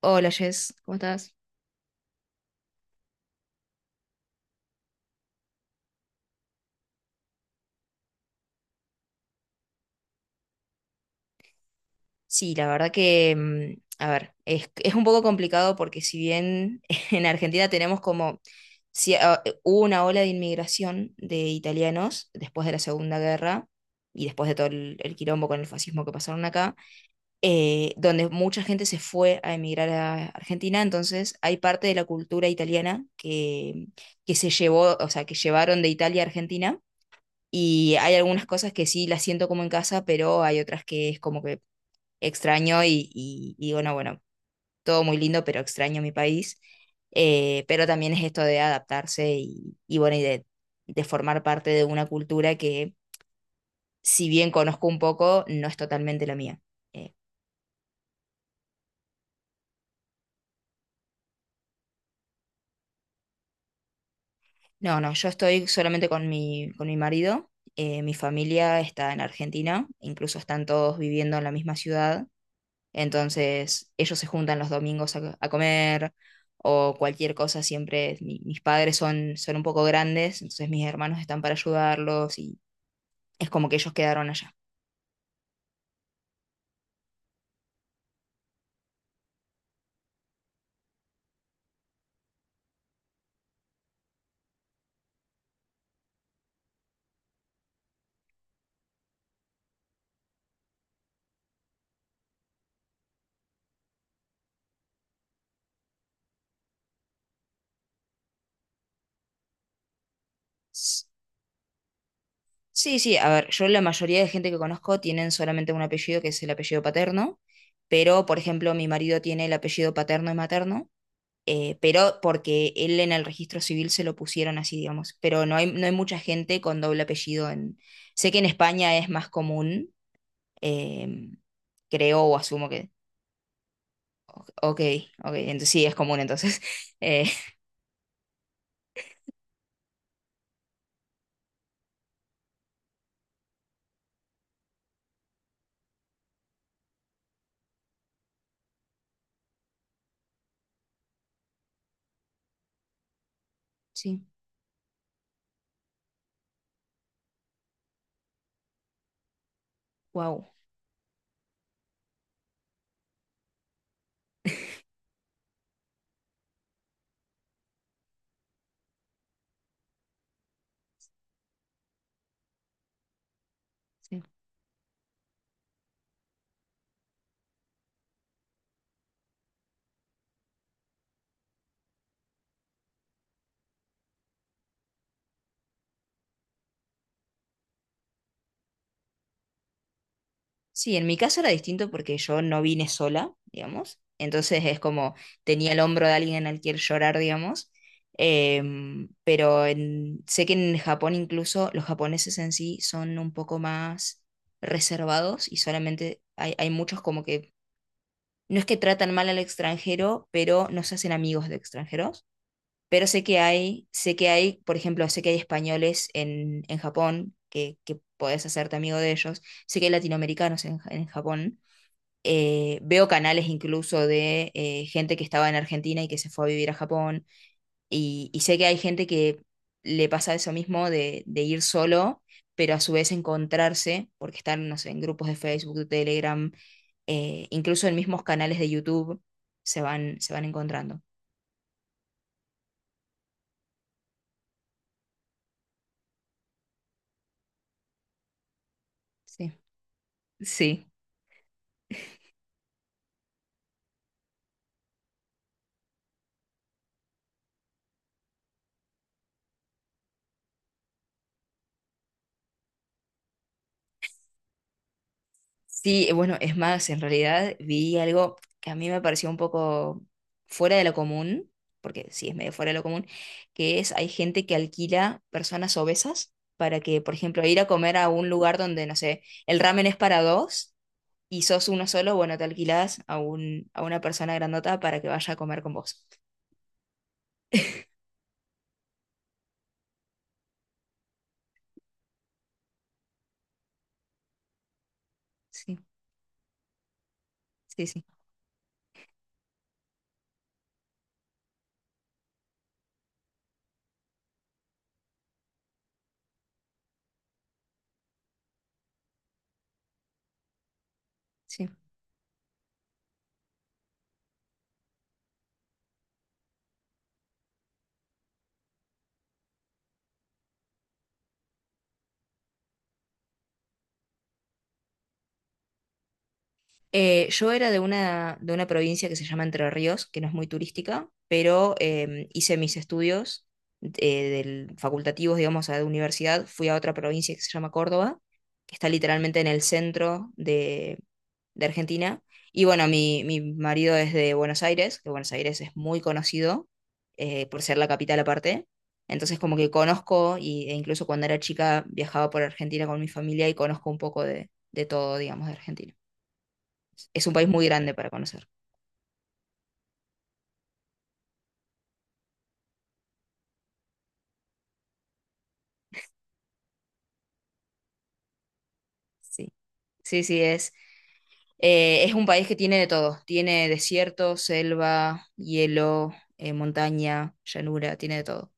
Hola, Jess, ¿cómo estás? Sí, la verdad que, a ver, es un poco complicado porque si bien en Argentina tenemos como, si, hubo una ola de inmigración de italianos después de la Segunda Guerra, y después de todo el quilombo con el fascismo que pasaron acá, donde mucha gente se fue a emigrar a Argentina. Entonces hay parte de la cultura italiana que se llevó, o sea, que llevaron de Italia a Argentina. Y hay algunas cosas que sí las siento como en casa, pero hay otras que es como que extraño, y bueno, todo muy lindo, pero extraño mi país. Pero también es esto de adaptarse y bueno, y de formar parte de una cultura que, si bien conozco un poco, no es totalmente la mía. Eh, no, no, yo estoy solamente con mi marido. Mi familia está en Argentina, incluso están todos viviendo en la misma ciudad. Entonces ellos se juntan los domingos a comer o cualquier cosa. Siempre mis padres son un poco grandes, entonces mis hermanos están para ayudarlos, y es como que ellos quedaron allá. S- Sí, sí, a ver, yo la mayoría de gente que conozco tienen solamente un apellido, que es el apellido paterno, pero por ejemplo mi marido tiene el apellido paterno y materno. Pero porque él en el registro civil se lo pusieron así, digamos. Pero no hay mucha gente con doble apellido en... Sé que en España es más común. Eh, Creo o asumo que, ok, ok, entonces sí, es común entonces. Eh, sí, wow. Sí. Sí, en mi caso era distinto porque yo no vine sola, digamos. Entonces es como tenía el hombro de alguien al que llorar, digamos. Pero sé que en Japón incluso los japoneses en sí son un poco más reservados, y solamente hay muchos como que no es que tratan mal al extranjero, pero no se hacen amigos de extranjeros. Pero sé que hay, por ejemplo, sé que hay españoles en Japón que podés hacerte amigo de ellos. Sé que hay latinoamericanos en Japón. Veo canales incluso de gente que estaba en Argentina y que se fue a vivir a Japón, y sé que hay gente que le pasa eso mismo de ir solo, pero a su vez encontrarse, porque están, no sé, en grupos de Facebook, de Telegram, incluso en mismos canales de YouTube, se van encontrando. Sí. Sí. Sí, bueno, es más, en realidad vi algo que a mí me pareció un poco fuera de lo común, porque sí, es medio fuera de lo común, que es hay gente que alquila personas obesas para que, por ejemplo, ir a comer a un lugar donde, no sé, el ramen es para dos y sos uno solo, bueno, te alquilas a un, a una persona grandota para que vaya a comer con vos. Sí, sí, sí, sí. Yo era de una provincia que se llama Entre Ríos, que no es muy turística, pero hice mis estudios facultativos, digamos, a la universidad. Fui a otra provincia que se llama Córdoba, que está literalmente en el centro de Argentina. Y bueno, mi marido es de Buenos Aires, que Buenos Aires es muy conocido por ser la capital aparte. Entonces como que conozco, y, e incluso cuando era chica viajaba por Argentina con mi familia y conozco un poco de todo, digamos, de Argentina. Es un país muy grande para conocer. Sí, sí, sí, es un país que tiene de todo. Tiene desierto, selva, hielo, montaña, llanura, tiene de todo.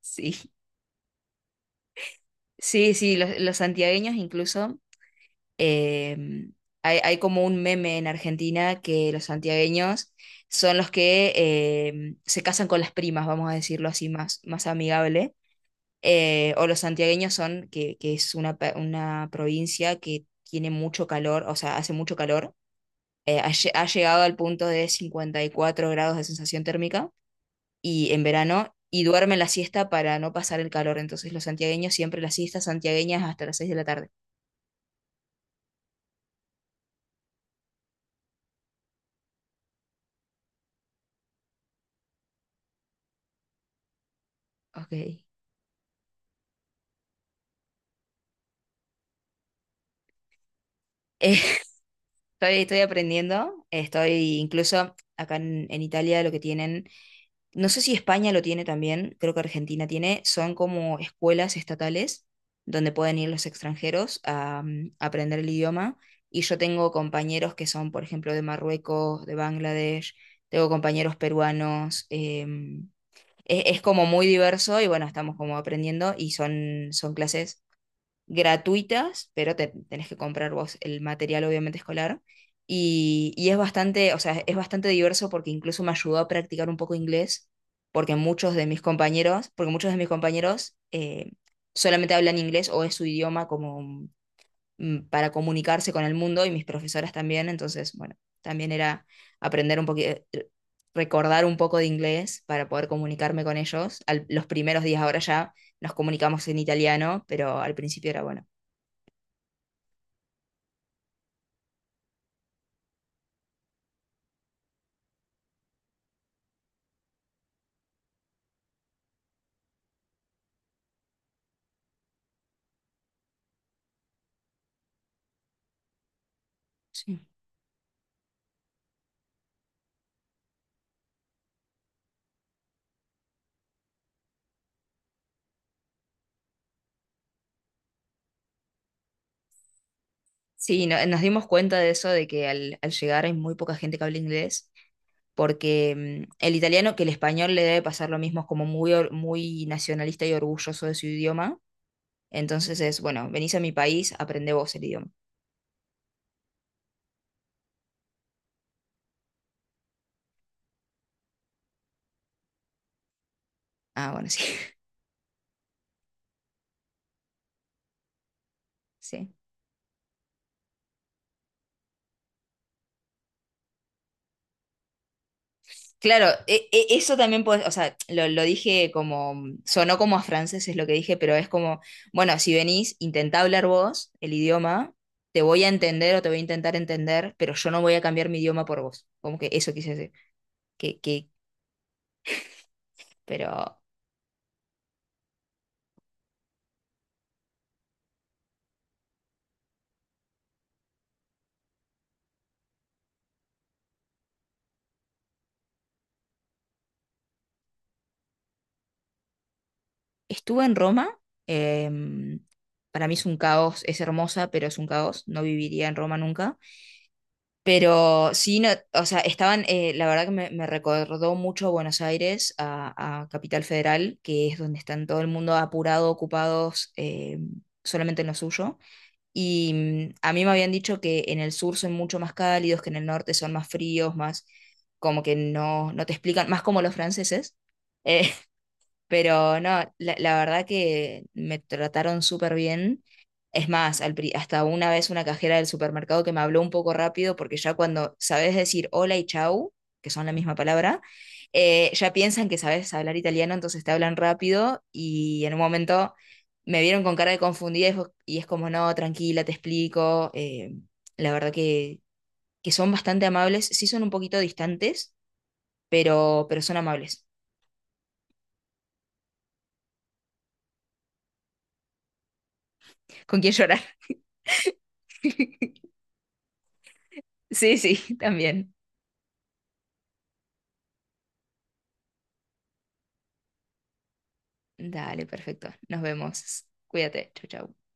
Sí, sí, sí, los santiagueños incluso. eh, hay como un meme en Argentina que los santiagueños son los que se casan con las primas, vamos a decirlo así, más, más amigable. O los santiagueños son, que es una, una provincia que tiene mucho calor, o sea, hace mucho calor. Ha llegado al punto de 54 grados de sensación térmica y en verano, y duermen la siesta para no pasar el calor. Entonces los santiagueños siempre las siestas santiagueñas hasta las 6 de la tarde. Ok. Estoy aprendiendo. Estoy incluso acá en Italia lo que tienen, no sé si España lo tiene también, creo que Argentina tiene, son como escuelas estatales donde pueden ir los extranjeros a, aprender el idioma. Y yo tengo compañeros que son, por ejemplo, de Marruecos, de Bangladesh, tengo compañeros peruanos. Es como muy diverso, y bueno, estamos como aprendiendo, y son clases gratuitas, pero tenés que comprar vos el material, obviamente escolar. Y es bastante, o sea, es bastante diverso porque incluso me ayudó a practicar un poco inglés, porque muchos de mis compañeros, solamente hablan inglés, o es su idioma como para comunicarse con el mundo, y mis profesoras también. Entonces, bueno, también era aprender un poquito, recordar un poco de inglés para poder comunicarme con ellos. Los primeros días ahora ya nos comunicamos en italiano, pero al principio era bueno. Sí. Sí, nos dimos cuenta de eso, de que al llegar hay muy poca gente que habla inglés, porque el italiano, que el español le debe pasar lo mismo, es como muy nacionalista y orgulloso de su idioma. Entonces es, bueno, venís a mi país, aprende vos el idioma. Ah, bueno, sí, sí. Claro, eso también puede, o sea, lo dije como, sonó como a francés es lo que dije, pero es como, bueno, si venís, intentá hablar vos el idioma, te voy a entender o te voy a intentar entender, pero yo no voy a cambiar mi idioma por vos. Como que eso quise decir. Que, que, pero estuve en Roma. em, para mí es un caos, es hermosa, pero es un caos. No viviría en Roma nunca. Pero sí, no, o sea, estaban, la verdad que me recordó mucho a Buenos Aires, a Capital Federal, que es donde están todo el mundo apurado, ocupados, solamente en lo suyo. Y a mí me habían dicho que en el sur son mucho más cálidos, que en el norte son más fríos, más como que no te explican, más como los franceses. eh, pero no, la verdad que me trataron súper bien. Es más, hasta una vez una cajera del supermercado que me habló un poco rápido, porque ya cuando sabes decir hola y chau, que son la misma palabra, ya piensan que sabes hablar italiano, entonces te hablan rápido, y en un momento me vieron con cara de confundida, y es como, no, tranquila, te explico. La verdad que son bastante amables, sí son un poquito distantes, pero son amables. ¿Con quién llorar? Sí, sí, también. Dale, perfecto. Nos vemos. Cuídate. Chau, chau.